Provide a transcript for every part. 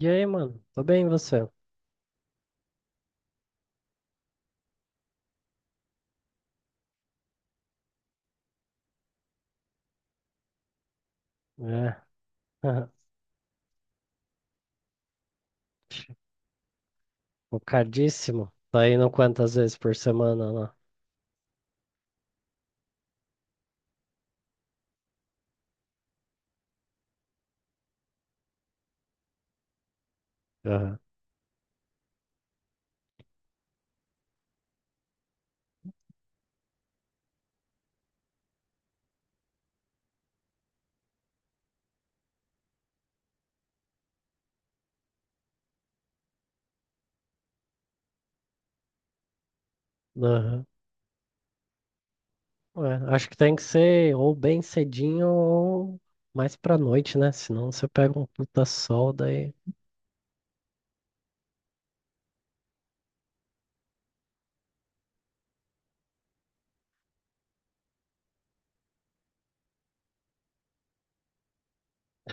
E aí, mano? Tô bem, e você? É. Focadíssimo. Tá indo quantas vezes por semana lá? Aham. Aham. Ué, acho que tem que ser ou bem cedinho ou mais pra noite, né? Senão você pega um puta sol daí.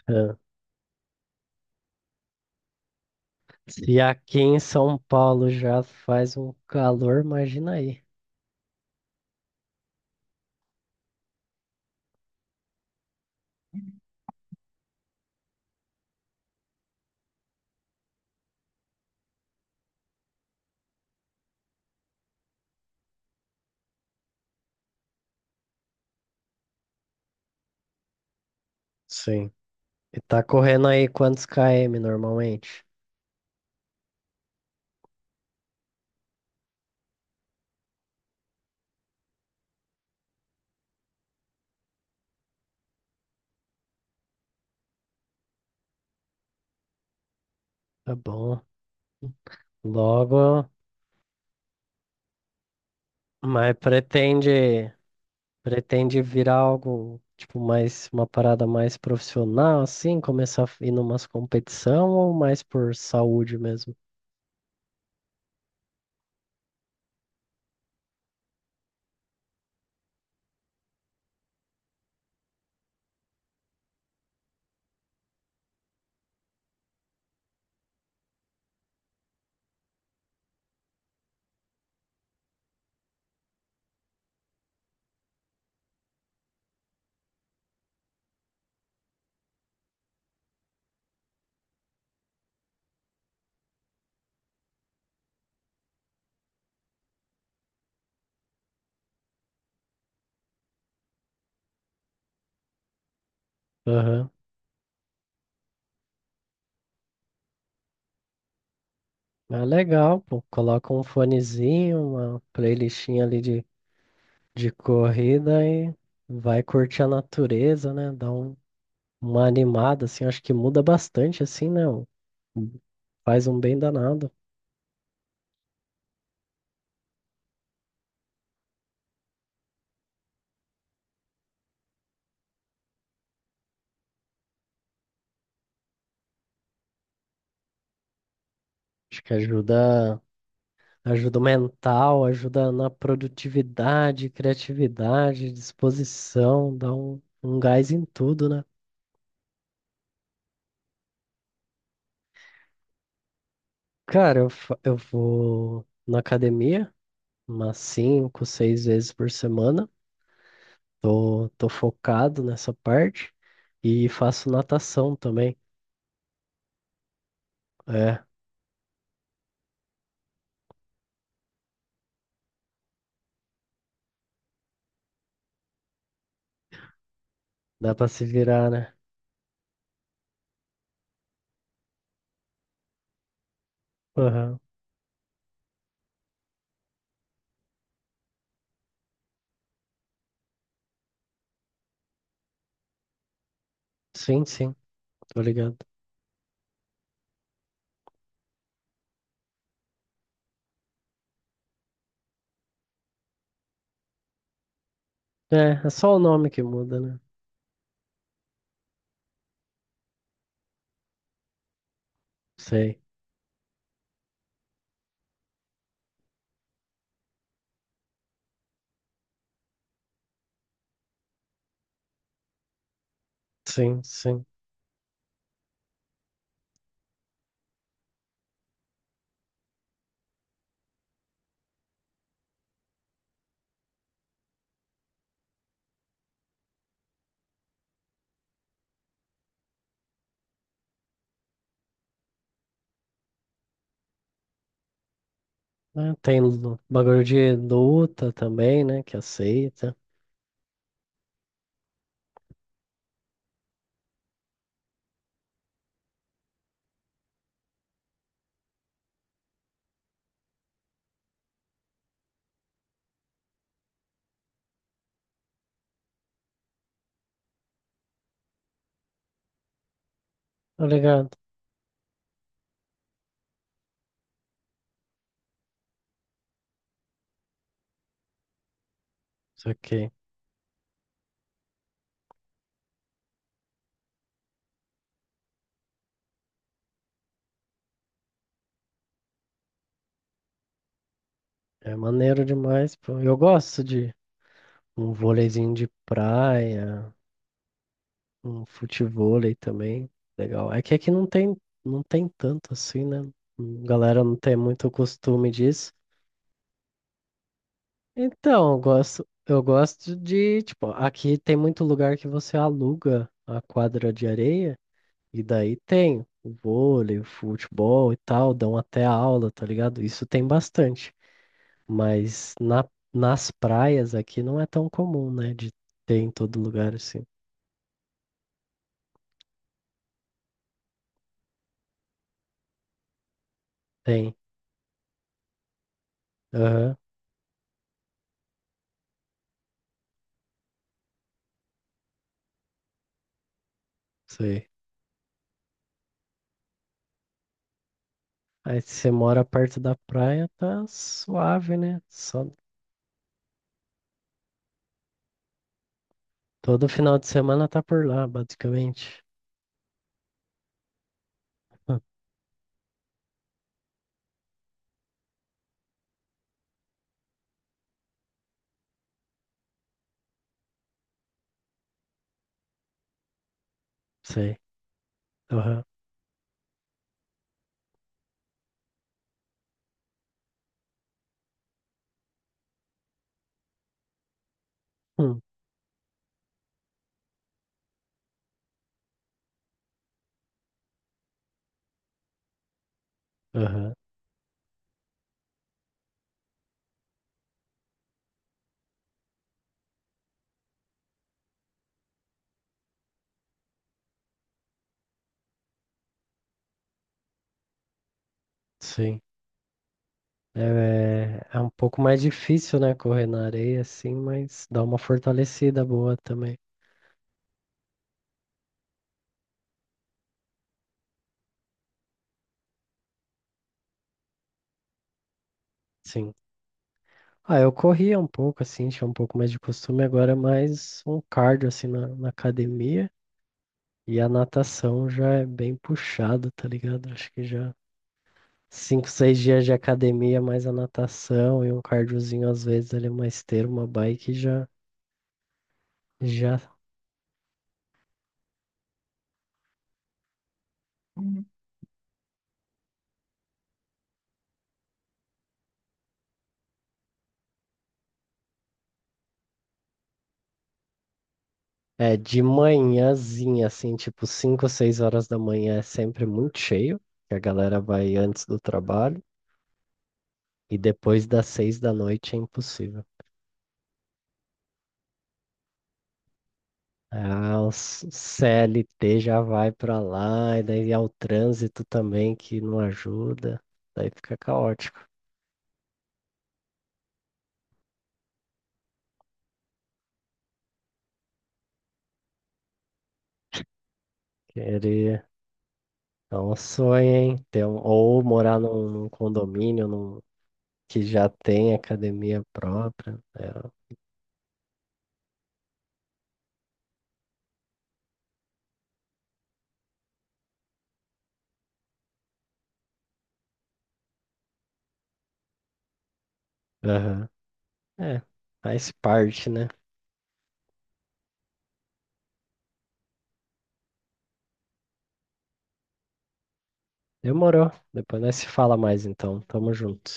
É. E aqui em São Paulo já faz um calor, imagina aí. Sim. E tá correndo aí quantos km normalmente? Tá bom. Logo, mas pretende. Pretende virar algo, tipo, mais uma parada mais profissional, assim, começar a ir numas competição ou mais por saúde mesmo? Aham. Ah, legal, pô. Coloca um fonezinho, uma playlistinha ali de corrida e vai curtir a natureza, né? Dá um, uma animada, assim, acho que muda bastante, assim, né? Um- Faz um bem danado. Acho que ajuda. Ajuda mental, ajuda na produtividade, criatividade, disposição, dá um, um gás em tudo, né? Cara, eu vou na academia umas cinco, seis vezes por semana. Tô focado nessa parte e faço natação também. É, dá pra se virar, né? Aham. Sim, sim, tô ligado. É, é só o nome que muda, né? Sei. Sim, sim. Né? Tem lu- bagulho de luta também, né? Que aceita. Tá ligado? Isso aqui é maneiro demais, pô. Eu gosto de um vôleizinho de praia, um futevôlei também. Legal. É que aqui não tem tanto assim, né? Galera não tem muito costume disso. Então, eu gosto de, tipo, aqui tem muito lugar que você aluga a quadra de areia. E daí tem o vôlei, o futebol e tal, dão até aula, tá ligado? Isso tem bastante. Mas nas praias aqui não é tão comum, né? De ter em todo lugar assim. Tem. Aham, sei. Aí se você mora perto da praia, tá suave, né? Só todo final de semana tá por lá, basicamente. Hum, sei. Aham. Hum, aham. Sim. É, é um pouco mais difícil, né, correr na areia, assim, mas dá uma fortalecida boa também. Sim. Ah, eu corria um pouco, assim, tinha um pouco mais de costume, agora é mais um cardio, assim, na academia. E a natação já é bem puxado, tá ligado? Acho que já cinco, seis dias de academia, mais a natação e um cardiozinho, às vezes, ali, uma esteira, uma bike, já, já. É, de manhãzinha, assim, tipo 5 ou 6 horas da manhã é sempre muito cheio, que a galera vai antes do trabalho, e depois das 6 da noite é impossível. Ah, o s- CLT já vai pra lá, e daí é o trânsito também que não ajuda, daí fica caótico. Querer é um sonho, hein? Ter um- ou morar num, num condomínio num- que já tem academia própria. É, aham. É, faz parte, né? Demorou. Depois nós se fala mais então. Tamo junto.